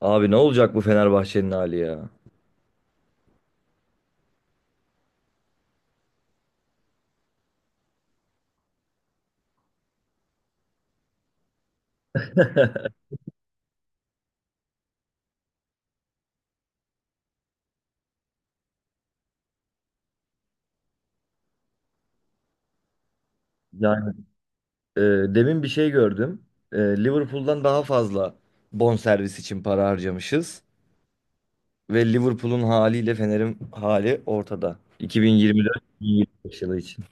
Abi ne olacak bu Fenerbahçe'nin hali ya? Yani e, demin bir şey gördüm. E, Liverpool'dan daha fazla bonservis için para harcamışız. Ve Liverpool'un haliyle Fener'in hali ortada. 2024-2025 yılı için.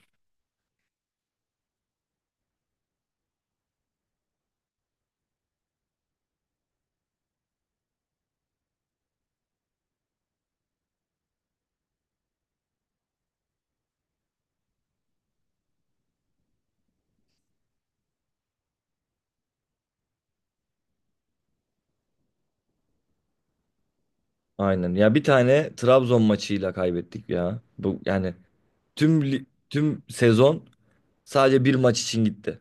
Aynen. Ya bir tane Trabzon maçıyla kaybettik ya. Bu yani tüm sezon sadece bir maç için gitti.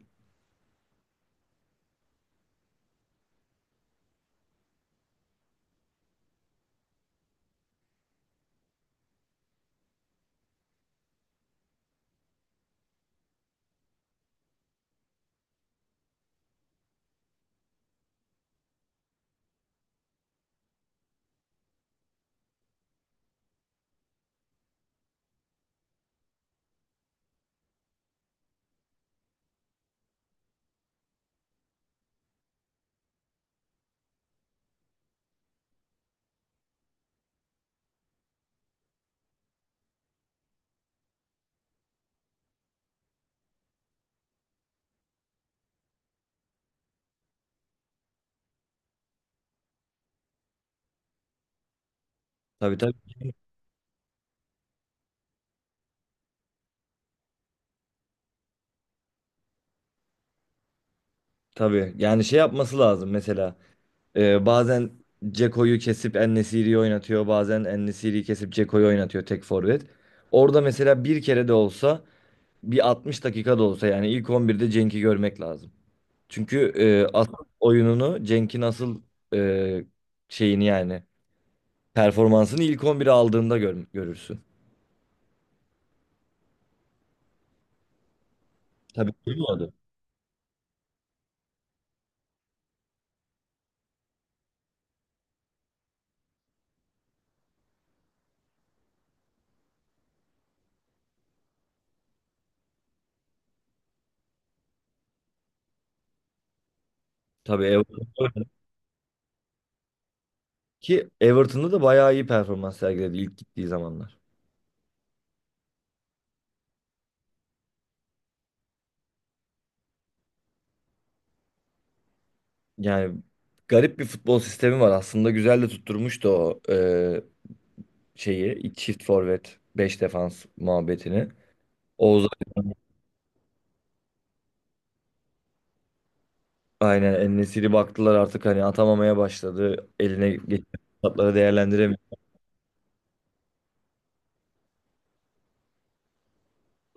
Tabii, tabii. Tabii. Yani şey yapması lazım mesela. Bazen Ceko'yu kesip En-Nesyri'yi oynatıyor. Bazen En-Nesyri'yi kesip Ceko'yu oynatıyor tek forvet. Orada mesela bir kere de olsa bir 60 dakika da olsa yani ilk on birde Cenk'i görmek lazım. Çünkü asıl oyununu Cenk'in asıl e, şeyini yani performansını ilk 11'e aldığında gör, görürsün. Tabii, olmadı. Tabii, Everton ki Everton'da da bayağı iyi performans sergiledi ilk gittiği zamanlar. Yani garip bir futbol sistemi var. Aslında güzel de tutturmuştu o şeyi, iki çift forvet 5 defans muhabbetini. Oğuz aynen, En-Nesyri baktılar artık hani atamamaya başladı. Eline geçen fırsatları değerlendiremiyor.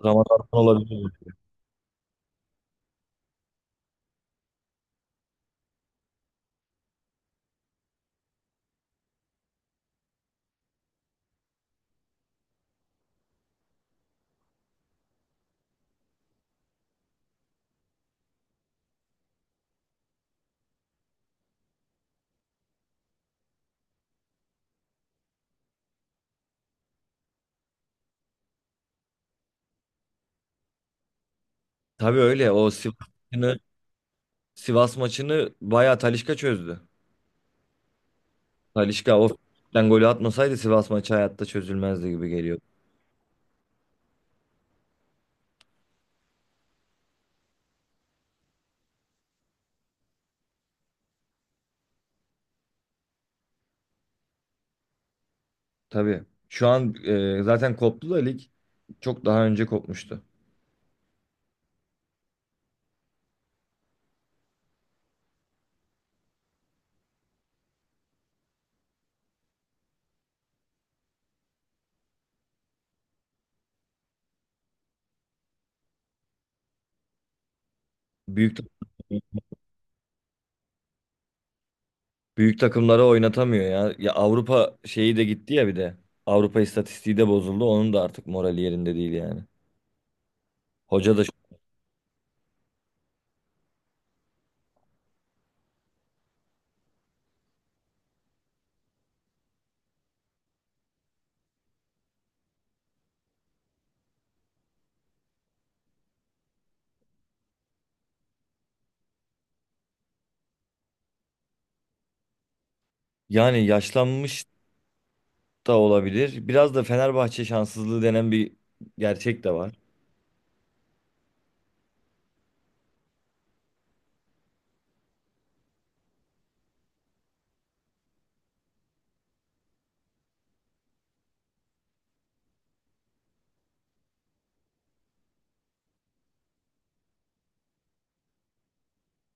Ramazan olabilir. Tabii öyle. O Sivas maçını, Sivas maçını bayağı Talisca çözdü. Talisca o f***den golü atmasaydı Sivas maçı hayatta çözülmezdi gibi geliyor. Tabii. Şu an zaten koptu da lig çok daha önce kopmuştu. Büyük Büyük takımlara oynatamıyor ya. Ya Avrupa şeyi de gitti ya bir de. Avrupa istatistiği de bozuldu. Onun da artık morali yerinde değil yani. Hoca da yani yaşlanmış da olabilir. Biraz da Fenerbahçe şanssızlığı denen bir gerçek de var.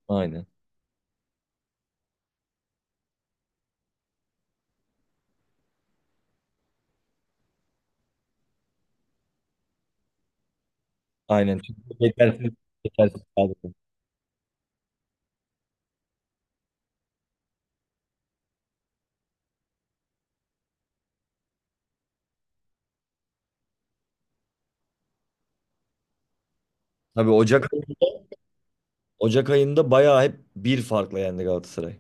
Aynen. Aynen. Çünkü yetersiz kadro. Tabii Ocak ayında bayağı hep bir farkla yendi Galatasaray.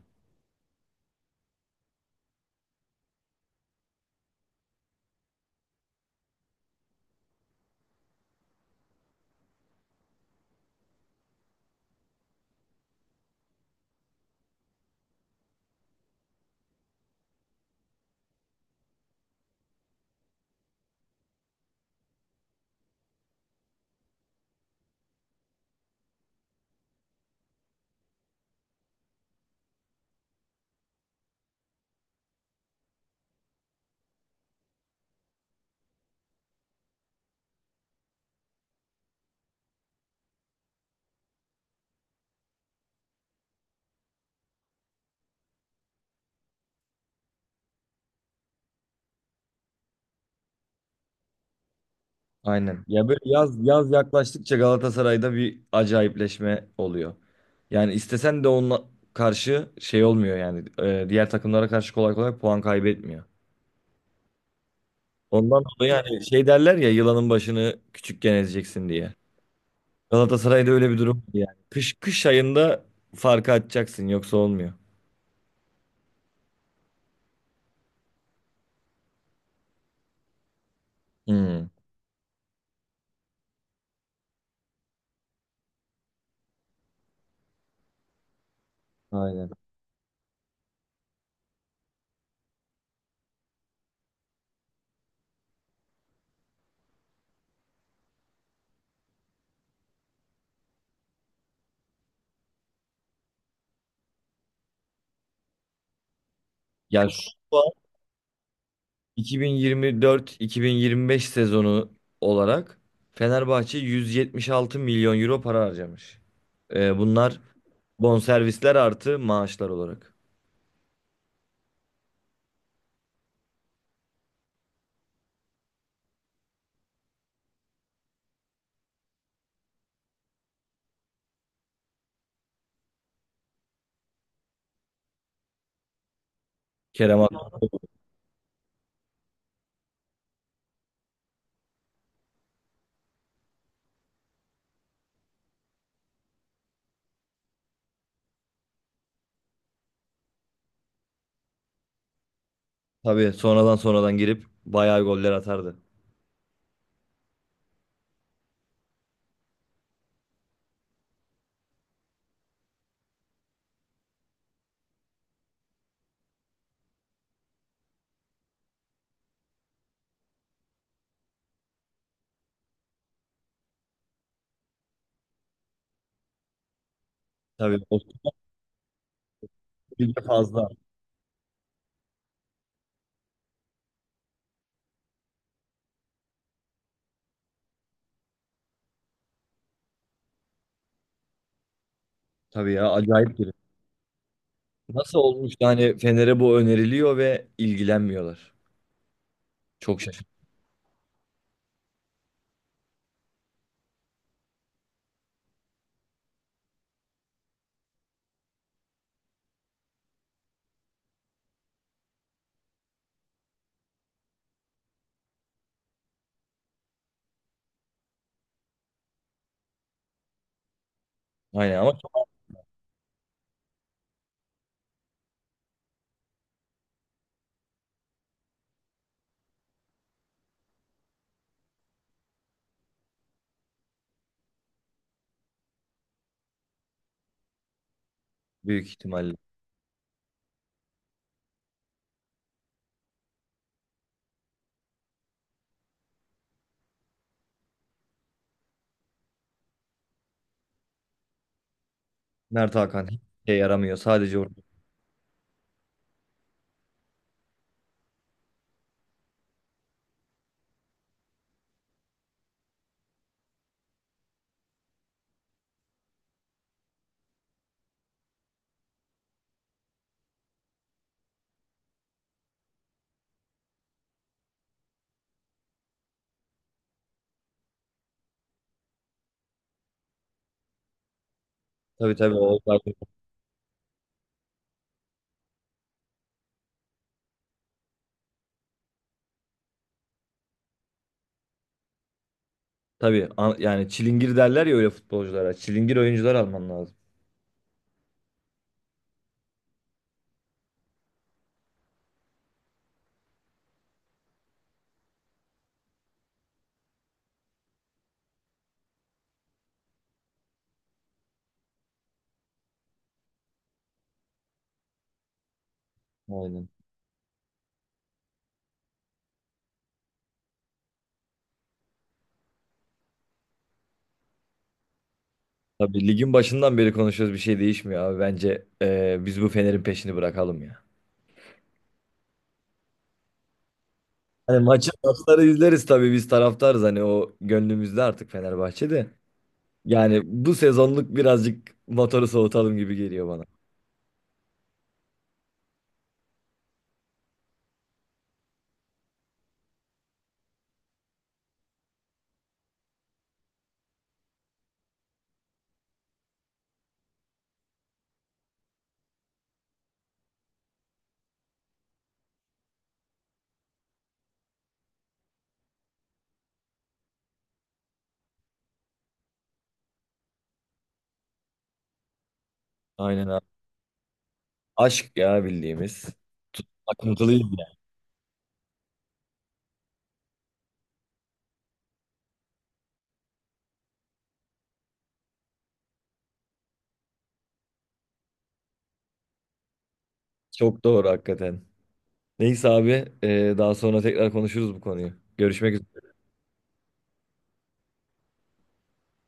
Aynen. Ya böyle yaz yaz yaklaştıkça Galatasaray'da bir acayipleşme oluyor. Yani istesen de onunla karşı şey olmuyor yani diğer takımlara karşı kolay kolay puan kaybetmiyor. Ondan dolayı yani şey derler ya, yılanın başını küçükken ezeceksin diye. Galatasaray'da öyle bir durum var yani. Kış ayında farkı açacaksın, yoksa olmuyor. Hmm. Aynen. Ya şu 2024-2025 sezonu olarak Fenerbahçe 176 milyon euro para harcamış. Bunlar bonservisler artı maaşlar olarak. Kerem Ak tabii, sonradan sonradan girip bayağı goller atardı. Tabii, o süre fazla. Tabii ya, acayip biri. Nasıl olmuş yani, Fener'e bu öneriliyor ve ilgilenmiyorlar. Çok şaşırdım. Aynen, ama çok büyük ihtimalle. Mert Hakan hiç şey yaramıyor. Sadece orada. Tabii, tabii. O tabii yani çilingir derler ya öyle futbolculara. Çilingir oyuncular alman lazım. Aynen. Tabii ligin başından beri konuşuyoruz, bir şey değişmiyor abi. Bence biz bu Fener'in peşini bırakalım ya. Hani maçı, maçları izleriz tabii, biz taraftarız hani, o gönlümüzde artık Fenerbahçe'de. Yani bu sezonluk birazcık motoru soğutalım gibi geliyor bana. Aynen abi. Aşk ya, bildiğimiz. Akıntılıyız ya. Çok doğru hakikaten. Neyse abi, daha sonra tekrar konuşuruz bu konuyu. Görüşmek üzere.